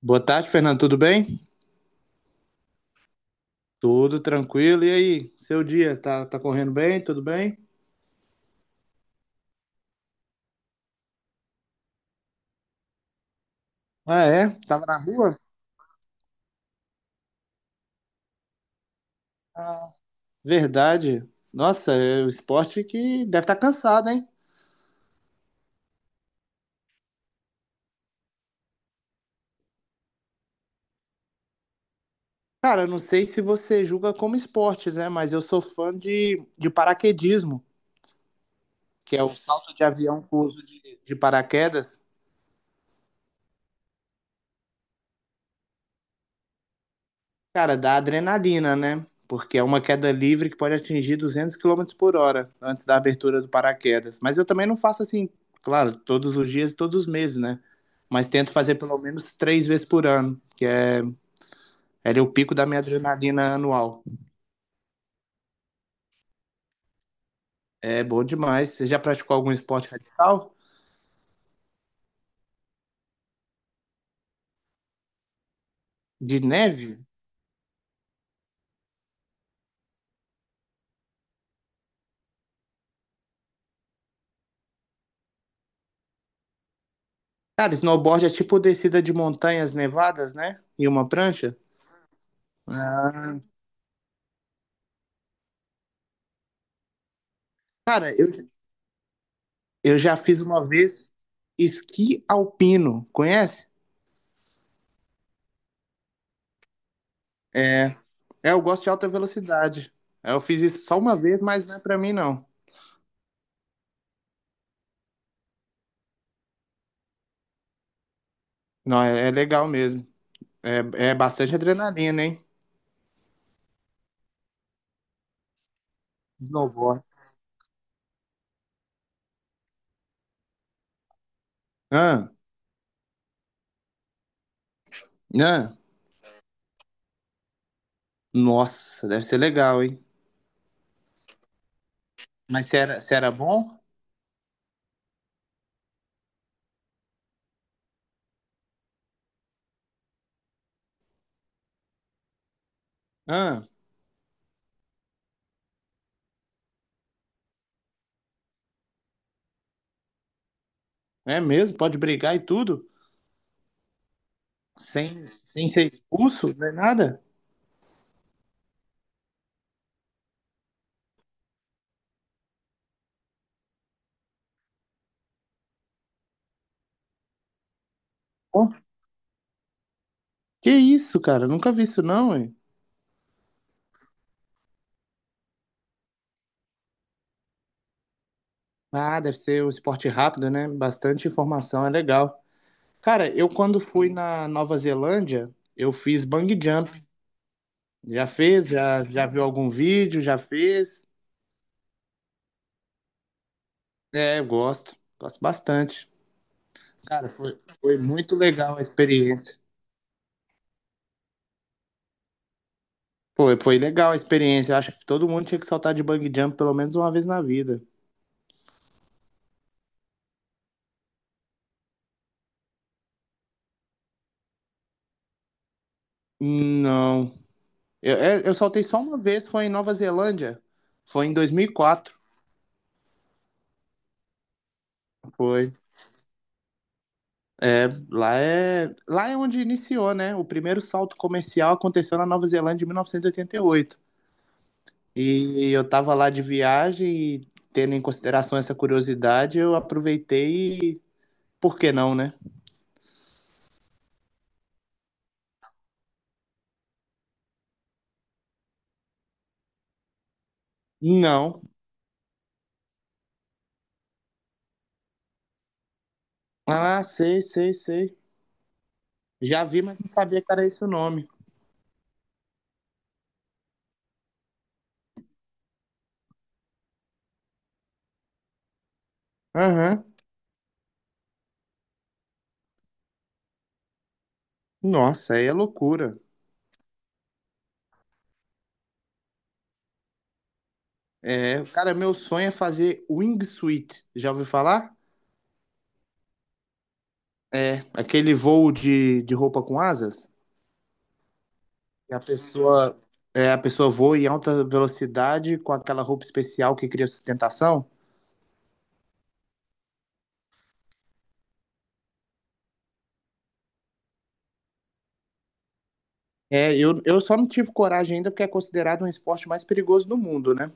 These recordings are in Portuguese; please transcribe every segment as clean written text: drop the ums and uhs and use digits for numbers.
Boa tarde, Fernando. Tudo bem? Tudo tranquilo. E aí, seu dia? Tá correndo bem? Tudo bem? Ah, é? Tava na rua? Verdade. Nossa, é o esporte que deve estar cansado, hein? Cara, eu não sei se você julga como esportes, né? Mas eu sou fã de paraquedismo, que é o salto de avião com uso de paraquedas. Cara, dá adrenalina, né? Porque é uma queda livre que pode atingir 200 quilômetros por hora antes da abertura do paraquedas. Mas eu também não faço assim, claro, todos os dias e todos os meses, né? Mas tento fazer pelo menos três vezes por ano, é o pico da minha adrenalina anual. É bom demais. Você já praticou algum esporte radical? De neve? Cara, snowboard é tipo descida de montanhas nevadas, né? E uma prancha? Ah, cara, eu já fiz uma vez esqui alpino, conhece? É, eu gosto de alta velocidade. É, eu fiz isso só uma vez, mas não é pra mim, não. Não, é, é legal mesmo. É, é bastante adrenalina, hein? Snowboard. Ah, ah, nossa, deve ser legal, hein? Mas se era, se era bom? Ah, é mesmo? Pode brigar e tudo? Sem, sem ser expulso? Não é nada? Pô, que isso, cara? Nunca vi isso, não, hein? Ah, deve ser um esporte rápido, né? Bastante informação, é legal. Cara, eu quando fui na Nova Zelândia, eu fiz bungee jump. Já fez? Já viu algum vídeo? Já fez? É, eu gosto. Gosto bastante. Cara, foi muito legal a experiência. Foi legal a experiência. Eu acho que todo mundo tinha que saltar de bungee jump pelo menos uma vez na vida. Não. Eu, é, eu saltei só uma vez, foi em Nova Zelândia. Foi em 2004. Foi. É, lá é onde iniciou, né? O primeiro salto comercial aconteceu na Nova Zelândia em 1988. E eu tava lá de viagem e tendo em consideração essa curiosidade, eu aproveitei e por que não, né? Não. Ah, sei, sei, sei. Já vi, mas não sabia que era esse o nome. Aham. Nossa, aí é loucura. É, cara, meu sonho é fazer wingsuit. Já ouviu falar? É, aquele voo de roupa com asas? E a pessoa, é, a pessoa voa em alta velocidade com aquela roupa especial que cria sustentação? É, eu só não tive coragem ainda porque é considerado um esporte mais perigoso do mundo, né?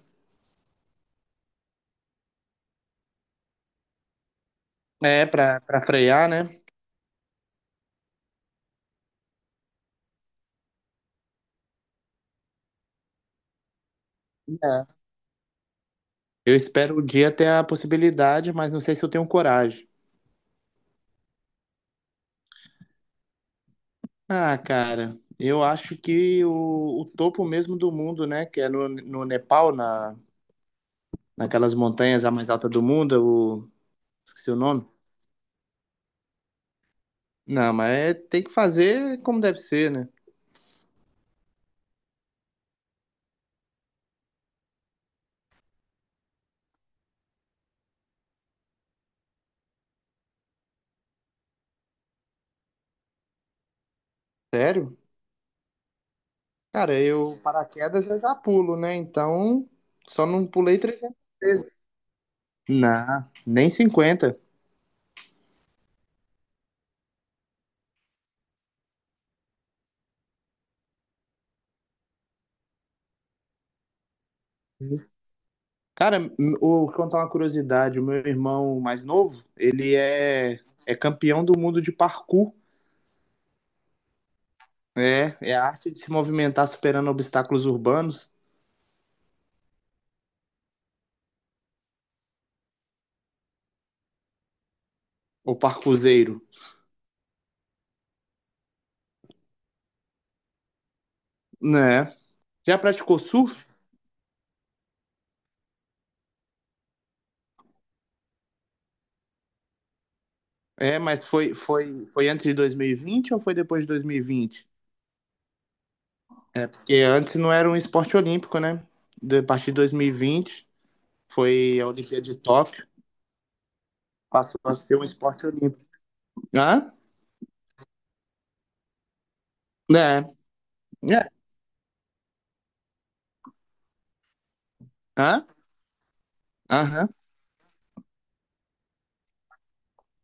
É, pra frear, né? É. Eu espero o dia ter a possibilidade, mas não sei se eu tenho coragem. Ah, cara, eu acho que o topo mesmo do mundo, né? Que é no, no Nepal, na, naquelas montanhas a mais alta do mundo, o... esqueci o nome. Não, mas é- tem que fazer como deve ser, né? Sério? Cara, eu paraquedas eu já pulo, né? Então, só não pulei 300 vezes. Não, nem cinquenta. Cara, m- o- vou contar uma curiosidade. O meu irmão mais novo, ele é, é campeão do mundo de parkour. É, é a arte de se movimentar superando obstáculos urbanos, o parkourzeiro. Né? Já praticou surf? É, mas foi antes de 2020 ou foi depois de 2020? É, porque antes não era um esporte olímpico, né? De- A partir de 2020 foi a Olimpíada de Tóquio, passou a ser um esporte olímpico. Hã? É, é, hã? Aham.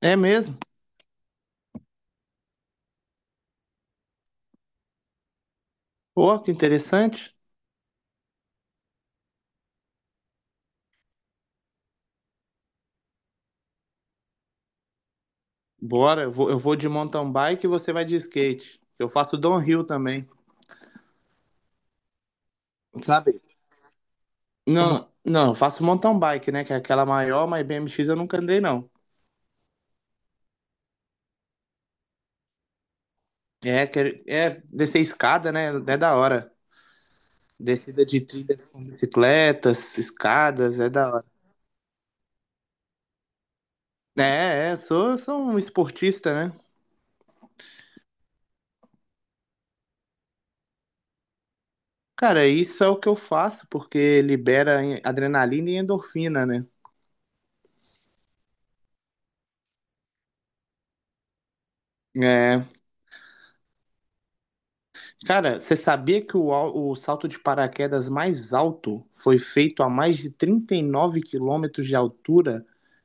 É mesmo. Pô, que interessante. Bora, eu vou de mountain bike e você vai de skate. Eu faço downhill também, sabe? Não, não, eu faço mountain bike, né? Que é aquela maior, mas BMX eu nunca andei, não. É, que- é descer escada, né? É da hora. Descida de trilhas com bicicletas, escadas, é da hora. Sou um esportista, né? Cara, isso é o que eu faço, porque libera em- adrenalina e endorfina, né? É. Cara, você sabia que o salto de paraquedas mais alto foi feito a mais de 39 quilômetros de altura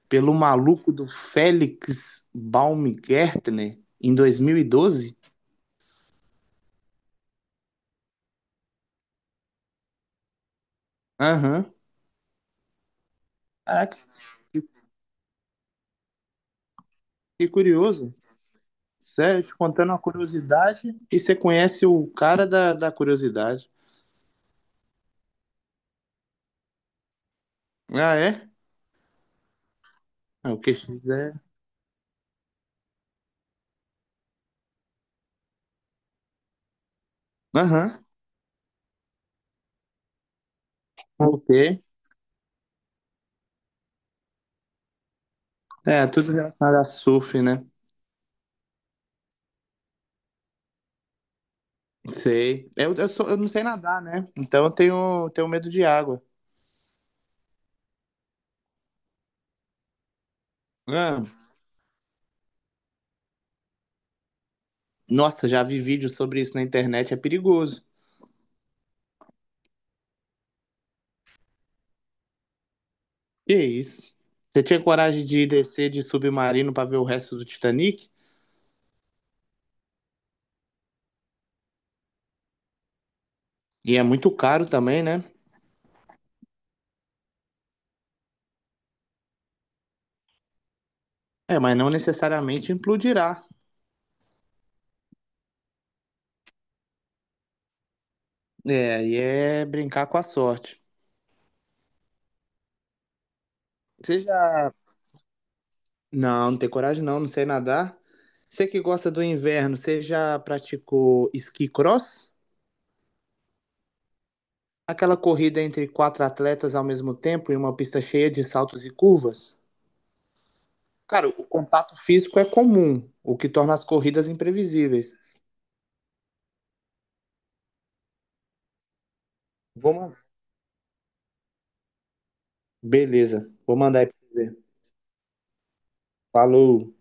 pelo maluco do Felix Baumgärtner em 2012? Aham. Caraca, que, que curioso. Sério, te contando uma curiosidade e você conhece o cara da curiosidade. Ah, é? Ah, o que quiser. Aham. Ok. É, tudo relacionado a surf, né? Sei. Sou- eu não sei nadar, né? Então eu tenho, tenho medo de água. Ah, nossa, já vi vídeos sobre isso na internet, é perigoso. Que isso? Você tinha coragem de descer de submarino pra ver o resto do Titanic? E é muito caro também, né? É, mas não necessariamente implodirá. É, e é brincar com a sorte. Você já. Não, não tem coragem não, não sei nadar. Você que gosta do inverno, você já praticou esqui cross? Aquela corrida entre quatro atletas ao mesmo tempo em uma pista cheia de saltos e curvas. Cara, o contato físico é comum, o que torna as corridas imprevisíveis. Vamos. Beleza, vou mandar aí pra você ver. Falou.